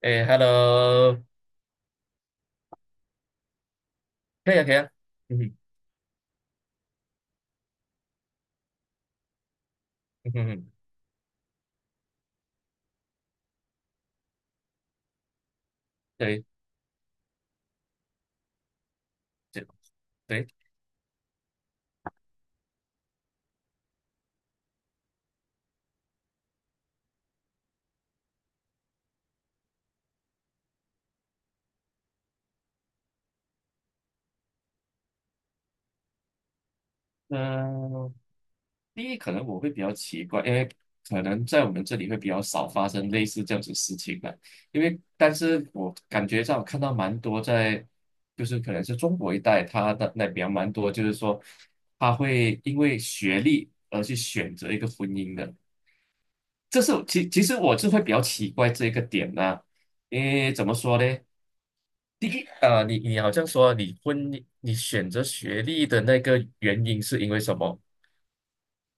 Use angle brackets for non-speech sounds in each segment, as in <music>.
诶 h e l l o 可以啊，可以啊。嗯哼。嗯哼嗯哼。对。对。对。嗯、第一可能我会比较奇怪，因为可能在我们这里会比较少发生类似这样子事情的，因为但是我感觉上看到蛮多在，就是可能是中国一带，他的那边蛮多，就是说他会因为学历而去选择一个婚姻的，这是其实我是会比较奇怪这个点呢、因为怎么说呢？第一啊，你好像说你婚姻你选择学历的那个原因是因为什么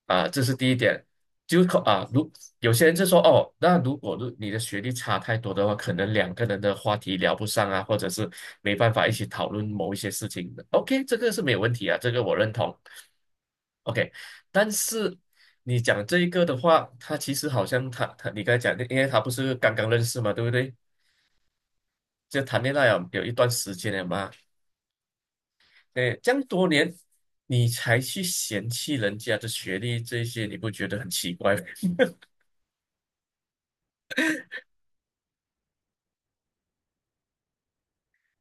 啊？这是第一点，就可啊，如有些人就说哦，那如果如你的学历差太多的话，可能两个人的话题聊不上啊，或者是没办法一起讨论某一些事情的 OK，这个是没有问题啊，这个我认同。OK，但是你讲这一个的话，他其实好像他你刚才讲的，因为他不是刚刚认识嘛，对不对？就谈恋爱有一段时间了嘛。哎，这样多年你才去嫌弃人家的学历这些，你不觉得很奇怪吗？<laughs>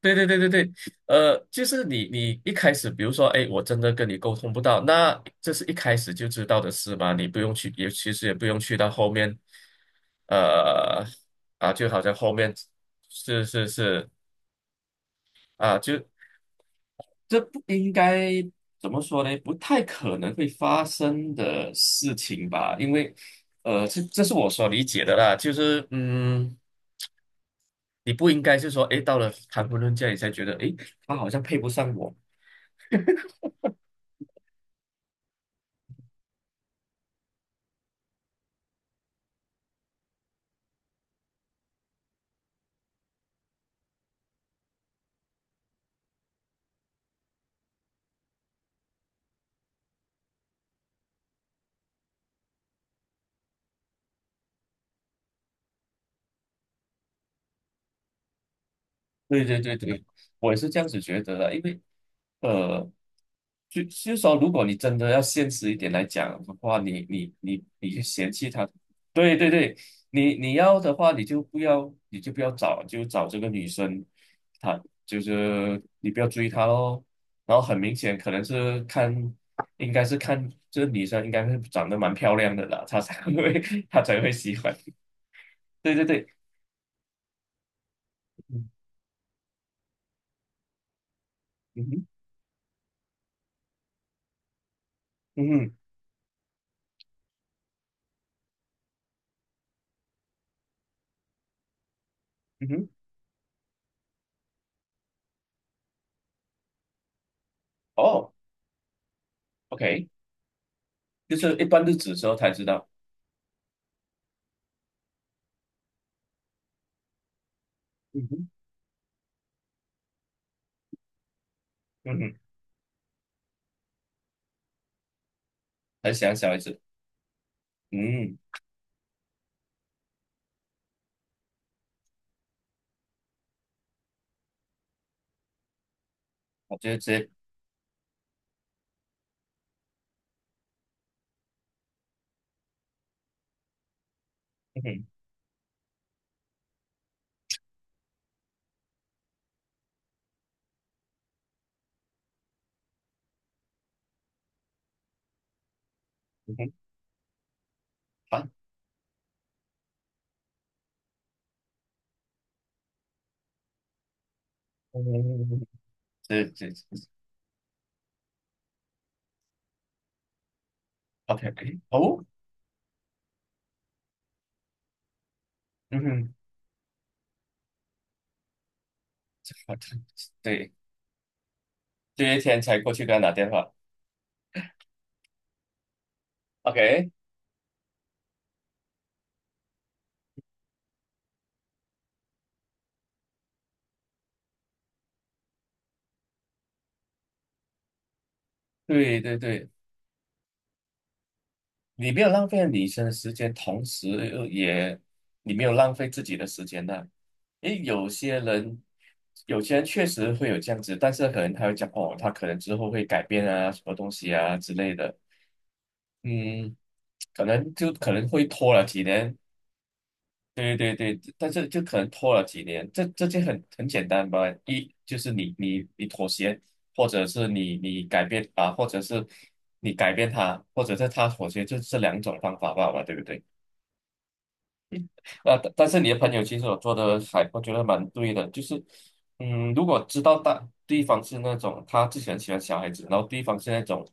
对对对对对。就是你一开始，比如说，哎，我真的跟你沟通不到，那这是一开始就知道的事嘛，你不用去，也其实也不用去到后面。呃，啊，就好像后面是是是。啊，就这不应该怎么说呢？不太可能会发生的事情吧？因为，这这是我所理解的啦。就是，嗯，你不应该是说，诶，到了谈婚论嫁，你才觉得，诶，他好像配不上我。对对对对，我也是这样子觉得的，因为呃，就是说，如果你真的要现实一点来讲的话，你去嫌弃他。对对对，你你要的话，你就不要，你就不要找，就找这个女生，她就是你不要追她咯。然后很明显，可能是看，应该是看这个女生应该是长得蛮漂亮的啦，她才会 <laughs> 她才会喜欢。对对对。嗯。嗯哼嗯哼嗯哼。哦，OK。就是一般日子的时候才知道。嗯哼。嗯哼。很喜欢小孩子。嗯。我觉得这。嗯哼。嗯哼。好。嗯。这这，OK。哦。嗯哼。好的。对。这些天才过去给他打电话。OK。对对对，你没有浪费女生的时间，同时又也你没有浪费自己的时间呢、诶，有些人，有些人确实会有这样子，但是可能他会讲哦，他可能之后会改变啊，什么东西啊之类的。嗯，可能就可能会拖了几年。对对对，但是就可能拖了几年，这这就很简单吧，一就是你妥协，或者是你改变啊，或者是你改变他，或者是他妥协，就这两种方法罢了，对不对？但但是你的朋友其实我做的还我觉得蛮对的，就是，嗯，如果知道大对方是那种他自己很喜欢小孩子，然后对方是那种，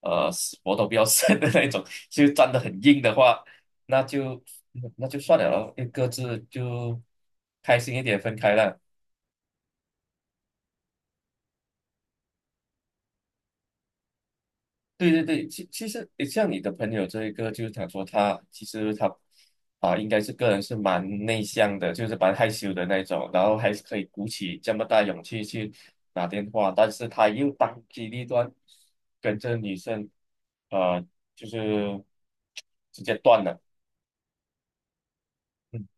死活都不要生的那种，就站得很硬的话，那就那就算了咯，各自就开心一点分开了。对对对，其其实诶像你的朋友这一个，就是他说他其实他啊，应该是个人是蛮内向的，就是蛮害羞的那种，然后还是可以鼓起这么大勇气去打电话，但是他又当机立断跟这女生，呃，就是直接断了。嗯，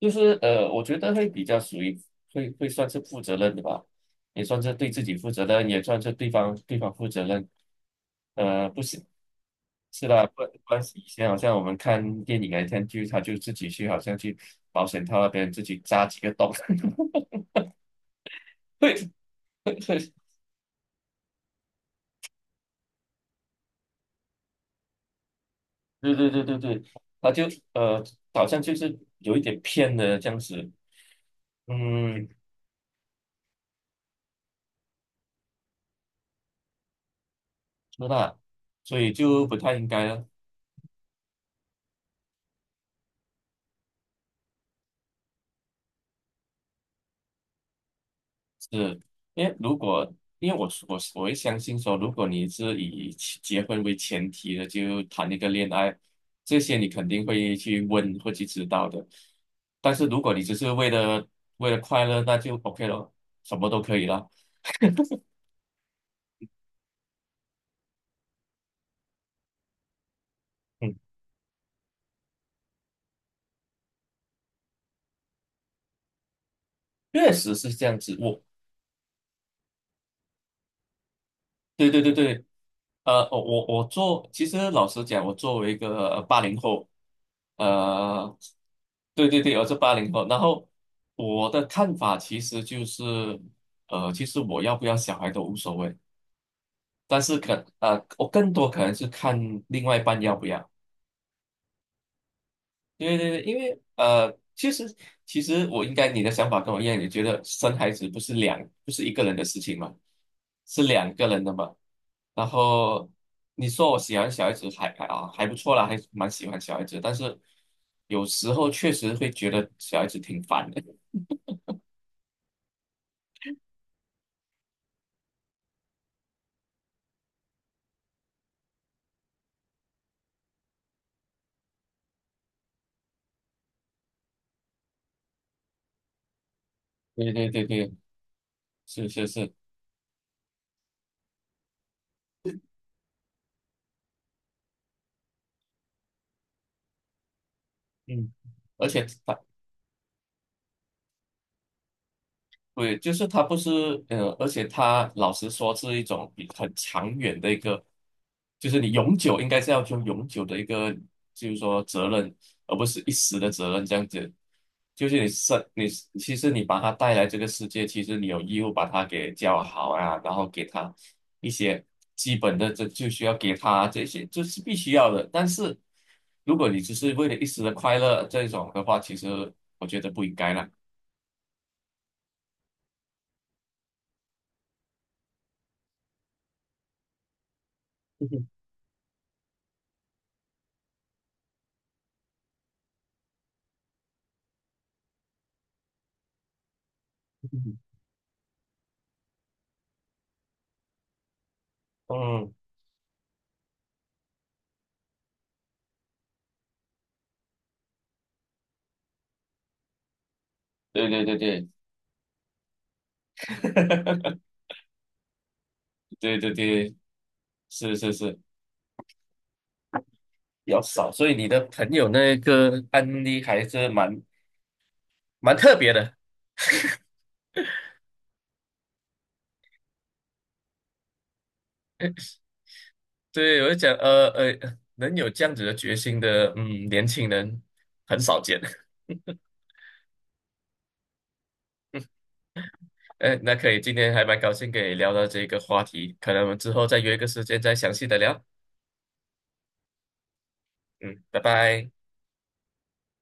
就是我觉得会比较属于会算是负责任的吧，也算是对自己负责任，也算是对方负责任。呃，不是。是啦，关系以前好像我们看电影来看剧，他就自己去好像去保险套那边自己扎几个洞。<laughs> 会会会对对对对对，他就呃好像就是有一点骗的这样子。嗯，是啦，所以就不太应该了。是，因为如果因为我会相信说，如果你是以其结婚为前提的，就谈一个恋爱，这些你肯定会去问，会去知道的。但是如果你只是为了为了快乐，那就 OK 了，什么都可以了。嗯，确实是这样子。我。对对对对，我做，其实老实讲，我作为一个八零后。呃，对对对，我是八零后，然后我的看法其实就是，其实我要不要小孩都无所谓，但是我更多可能是看另外一半要不要。对对对，因为其实其实我应该你的想法跟我一样，你觉得生孩子不是两不是一个人的事情嘛，是两个人的嘛。然后你说我喜欢小孩子还不错啦，还蛮喜欢小孩子，但是有时候确实会觉得小孩子挺烦的。<laughs> 对对对对，是是是。嗯，而且对，就是他不是，而且他老实说是一种比很长远的一个，就是你永久应该是要用永久的一个，就是说责任，而不是一时的责任这样子。就是你生你，其实你把他带来这个世界，其实你有义务把他给教好啊，然后给他一些基本的，这就需要给他这些，这是必须要的。但是如果你只是为了一时的快乐这种的话，其实我觉得不应该啦。<laughs> 嗯。对对对对。<laughs> 对对对，是是是，比较少，所以你的朋友那个案例还是蛮特别的。对，我就讲，能有这样子的决心的，嗯，年轻人很少见。<laughs> 哎，那可以，今天还蛮高兴跟你聊到这个话题，可能我们之后再约一个时间再详细的聊。嗯，拜拜。